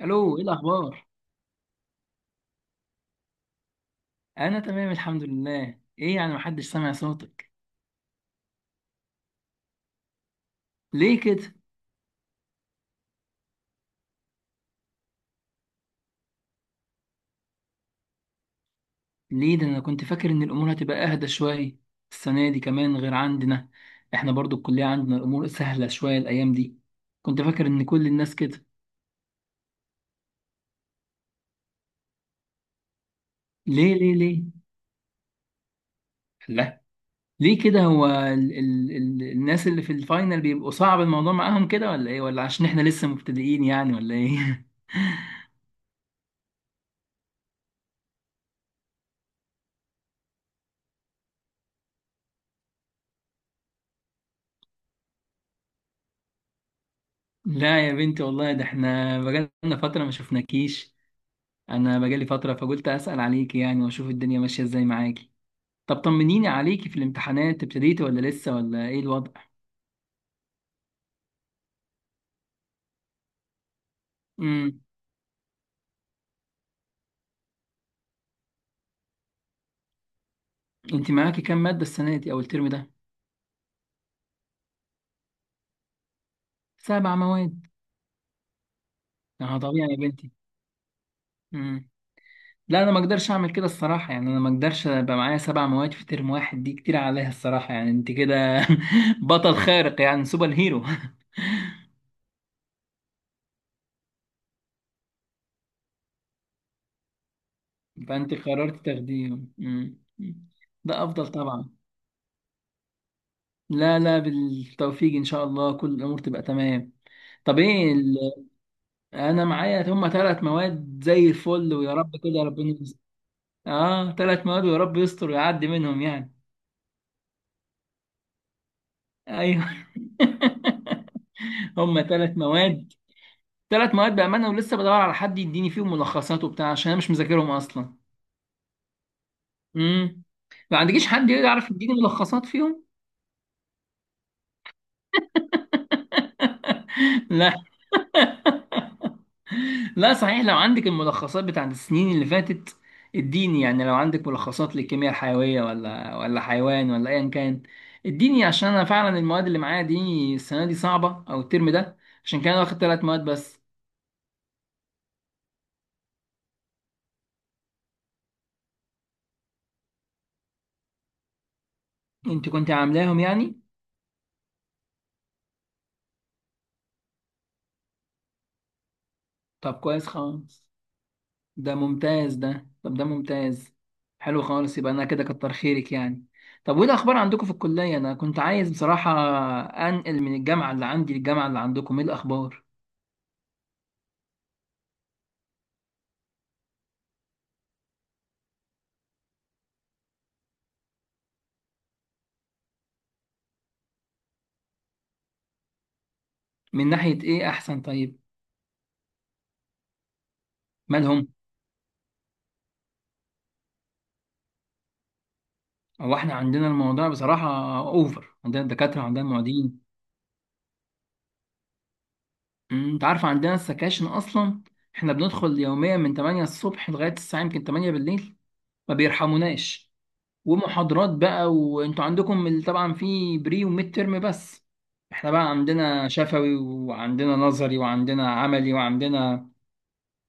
الو، ايه الاخبار؟ انا تمام، الحمد لله. ايه يعني؟ محدش سامع صوتك. ليه كده؟ ليه ده؟ انا كنت فاكر ان الامور هتبقى اهدى شويه. السنه دي كمان غير عندنا. احنا برضو الكليه عندنا الامور سهله شويه الايام دي. كنت فاكر ان كل الناس كده. ليه ليه ليه؟ لا. ليه كده؟ هو ال الناس اللي في الفاينل بيبقوا صعب الموضوع معاهم كده؟ ولا ايه؟ ولا عشان احنا لسه مبتدئين يعني؟ ولا ايه؟ لا يا بنتي، والله ده احنا بقالنا فتره ما شفناكيش. انا بقالي فتره فقلت اسال عليكي يعني، واشوف الدنيا ماشيه ازاي معاكي. طب طمنيني عليكي في الامتحانات، ابتديتي ولا لسه؟ ولا ايه الوضع؟ امم انت معاكي كام ماده السنه دي او الترم ده؟ سبع مواد؟ اه طبيعي يا بنتي. امم. لا، انا ما اقدرش اعمل كده الصراحه، يعني انا ما اقدرش ابقى معايا سبع مواد في ترم واحد، دي كتير عليها الصراحه، يعني انت كده بطل خارق، يعني سوبر هيرو. فانت قررت تاخديهم. ده افضل طبعا. لا لا، بالتوفيق ان شاء الله، كل الامور تبقى تمام. طب ايه انا معايا هما ثلاث مواد زي الفل، ويا رب كده ربنا يستر. اه، ثلاث مواد، ويا رب يستر ويعدي منهم يعني. ايوه. هما ثلاث مواد. ثلاث مواد بامانه، ولسه بدور على حد يديني فيهم ملخصات وبتاع، عشان انا مش مذاكرهم اصلا. امم. ما عندكيش حد يعرف يديني ملخصات فيهم؟ لا. لا، صحيح لو عندك الملخصات بتاعت السنين اللي فاتت اديني، يعني لو عندك ملخصات للكيمياء الحيوية ولا حيوان ولا ايا كان اديني، عشان انا فعلا المواد اللي معايا دي السنة دي صعبة او الترم ده، عشان كده أنا واخد ثلاث مواد بس. انت كنت عاملاهم يعني؟ طب كويس خالص، ده ممتاز، ده طب ده ممتاز. حلو خالص، يبقى انا كده كتر خيرك يعني. طب وايه الاخبار عندكم في الكلية؟ انا كنت عايز بصراحة انقل من الجامعة اللي عندي للجامعة اللي عندكم، ايه الاخبار؟ من ناحية ايه احسن طيب؟ مالهم؟ هو احنا عندنا الموضوع بصراحة اوفر، عندنا الدكاترة عندنا المعيدين. أمم، انت عارف عندنا السكاشن اصلا، احنا بندخل يوميا من 8 الصبح لغاية الساعة يمكن 8 بالليل، ما بيرحموناش. ومحاضرات بقى، وانتوا عندكم طبعا في بري وميد ترم بس. احنا بقى عندنا شفوي وعندنا نظري وعندنا عملي، وعندنا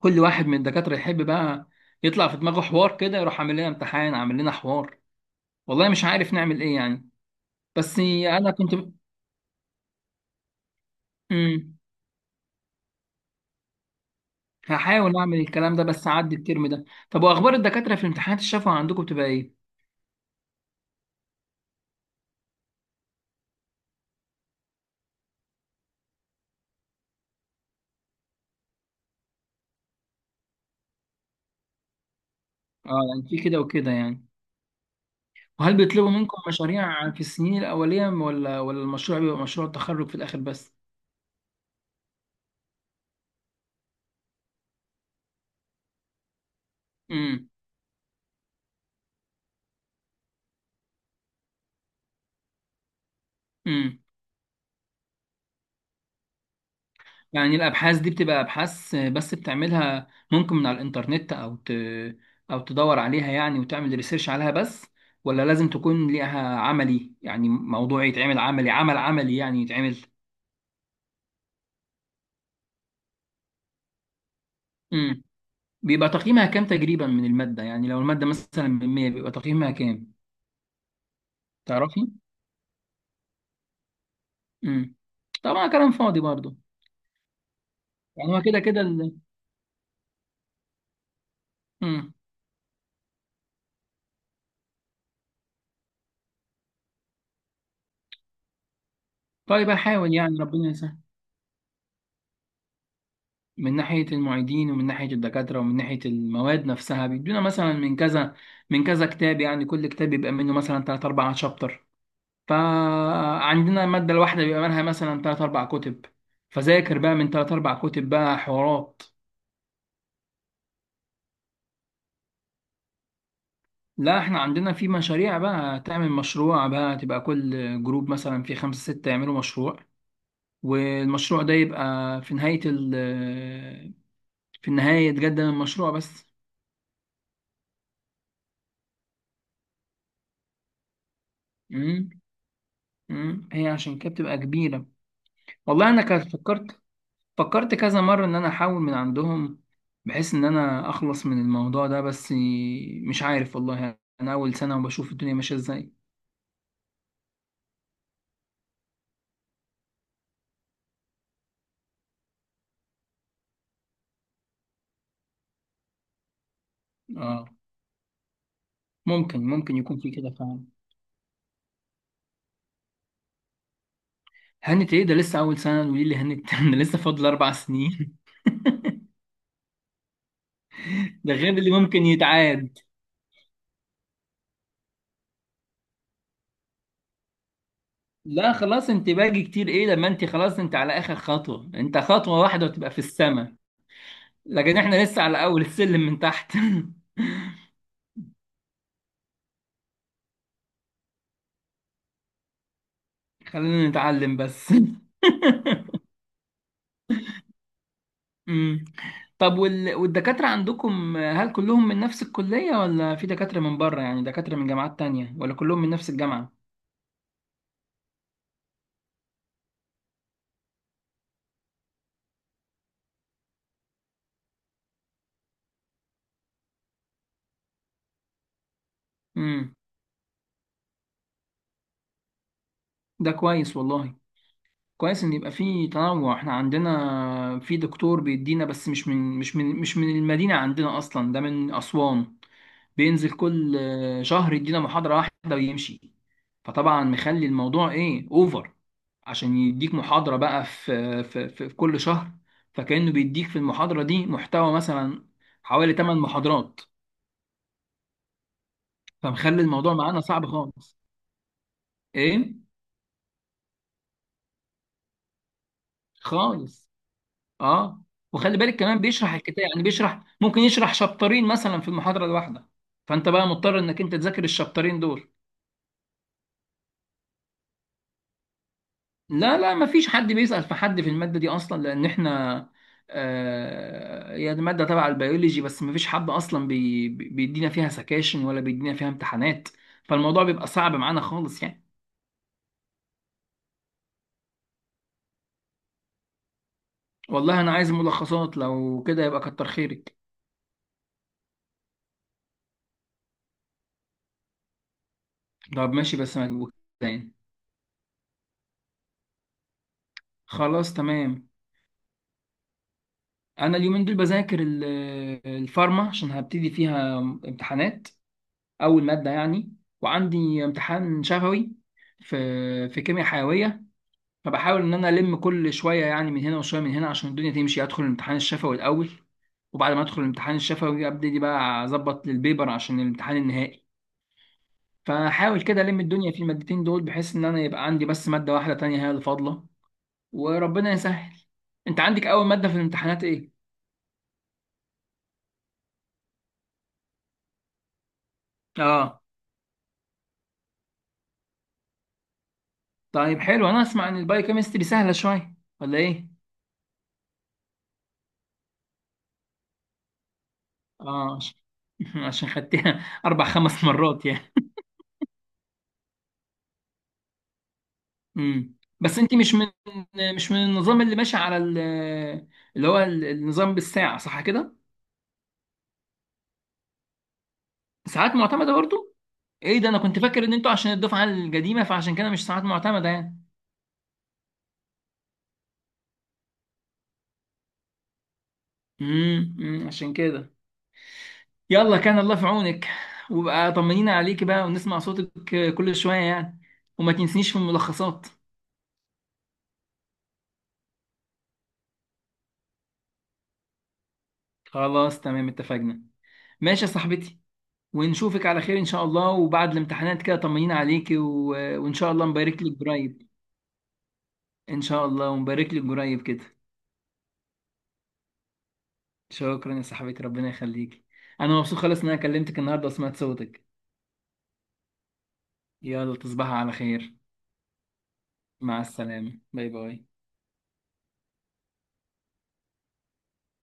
كل واحد من الدكاترة يحب بقى يطلع في دماغه حوار كده يروح عامل لنا امتحان، عامل لنا حوار. والله مش عارف نعمل ايه يعني. بس انا كنت. مم. هحاول اعمل الكلام ده بس اعدي الترم ده. طب واخبار الدكاتره في امتحانات الشفوي عندكم بتبقى ايه؟ اه، يعني في كده وكده يعني. وهل بيطلبوا منكم مشاريع في السنين الاوليه؟ ولا المشروع بيبقى مشروع التخرج في الاخر بس؟ امم امم يعني الابحاث دي بتبقى ابحاث بس بتعملها، ممكن من على الانترنت او تدور عليها يعني وتعمل ريسيرش عليها بس؟ ولا لازم تكون ليها عملي يعني، موضوع يتعمل عملي، عمل عملي يعني يتعمل. امم بيبقى تقييمها كام تقريبا من المادة؟ يعني لو المادة مثلا من 100 بيبقى تقييمها كام؟ تعرفي. امم طبعا كلام فاضي برضه. يعني هو كده كده امم طيب، احاول يعني ربنا يسهل. من ناحية المعيدين، ومن ناحية الدكاترة، ومن ناحية المواد نفسها بيدونا مثلا من كذا كتاب، يعني كل كتاب بيبقى منه مثلا 3 4 شابتر. فعندنا المادة الواحدة بيبقى منها مثلا 3 4 كتب. فذاكر بقى من 3 4 كتب بقى حوارات. لا، احنا عندنا في مشاريع بقى، تعمل مشروع بقى، تبقى كل جروب مثلا في خمسة ستة يعملوا مشروع، والمشروع ده يبقى في نهاية ال آه، في النهاية يتقدم المشروع بس. امم هي عشان كده بتبقى كبيرة. والله انا كان فكرت كذا مرة ان انا احاول من عندهم، بحيث ان انا اخلص من الموضوع ده بس. مش عارف والله، انا اول سنة وبشوف الدنيا ماشية ازاي. اه، ممكن يكون في كده فعلا. هنت؟ ايه ده لسه اول سنه ودي اللي هنت؟ ده لسه فاضل 4 سنين. ده غير اللي ممكن يتعاد. لا خلاص، انت باجي كتير ايه؟ لما انت خلاص انت على اخر خطوه، انت خطوه واحده وتبقى في السماء. لكن احنا لسه على اول السلم من تحت. خلينا نتعلم بس. امم طب والدكاتره عندكم هل كلهم من نفس الكليه؟ ولا في دكاتره من بره؟ يعني دكاتره من جامعات تانية؟ ولا كلهم من نفس الجامعه؟ امم ده كويس والله، كويس ان يبقى في تنوع. احنا عندنا في دكتور بيدينا بس مش من المدينة عندنا اصلا، ده من اسوان. بينزل كل شهر يدينا محاضرة واحدة ويمشي. فطبعا مخلي الموضوع ايه اوفر، عشان يديك محاضرة بقى في كل شهر. فكأنه بيديك في المحاضرة دي محتوى مثلا حوالي 8 محاضرات. فمخلي الموضوع معانا صعب خالص. ايه؟ خالص. اه. وخلي بالك كمان بيشرح الكتاب يعني، بيشرح ممكن يشرح شابترين مثلا في المحاضرة الواحدة. فانت بقى مضطر انك انت تذاكر الشابترين دول. لا لا، ما فيش حد بيسأل في حد في المادة دي اصلا، لان احنا آه هي دي مادة تبع البيولوجي بس. ما فيش حد اصلا بيدينا فيها سكاشن ولا بيدينا فيها امتحانات، فالموضوع بيبقى صعب معانا خالص يعني. والله انا عايز ملخصات، لو كده يبقى كتر خيرك. طب ماشي، بس ما تجيبوش يعني. خلاص تمام. انا اليومين دول بذاكر الفارما، عشان هبتدي فيها امتحانات، اول ماده يعني. وعندي امتحان شفوي في كيمياء حيويه. فبحاول ان انا الم كل شويه، يعني من هنا وشويه من هنا، عشان الدنيا تمشي ادخل الامتحان الشفوي الاول. وبعد ما ادخل الامتحان الشفوي ابتدي بقى اظبط للبيبر عشان الامتحان النهائي. فحاول كده الم الدنيا في المادتين دول، بحيث ان انا يبقى عندي بس ماده واحده تانية هي اللي فاضله. وربنا يسهل. انت عندك اول ماده في الامتحانات ايه؟ اه طيب، حلو. انا اسمع ان البايوكيمستري سهله شويه ولا ايه؟ اه، عشان خدتها اربع خمس مرات يعني. امم بس انت مش من النظام اللي ماشي على اللي هو النظام بالساعه صح كده؟ ساعات معتمده برضو. ايه ده؟ انا كنت فاكر ان انتوا عشان الدفعه القديمه فعشان كده مش ساعات معتمده يعني. أمم، عشان كده. يلا، كان الله في عونك، وبقى طمنينا عليك بقى ونسمع صوتك كل شويه يعني. وما تنسنيش في الملخصات. خلاص تمام، اتفقنا. ماشي يا صاحبتي. ونشوفك على خير ان شاء الله. وبعد الامتحانات كده طمنين عليكي وان شاء الله مبارك لك قريب. ان شاء الله. ومبارك لك قريب كده. شكرا يا صاحبتي، ربنا يخليكي. انا مبسوط خالص ان انا كلمتك النهارده وسمعت صوتك. يلا تصبحي على خير. مع السلامة. باي باي.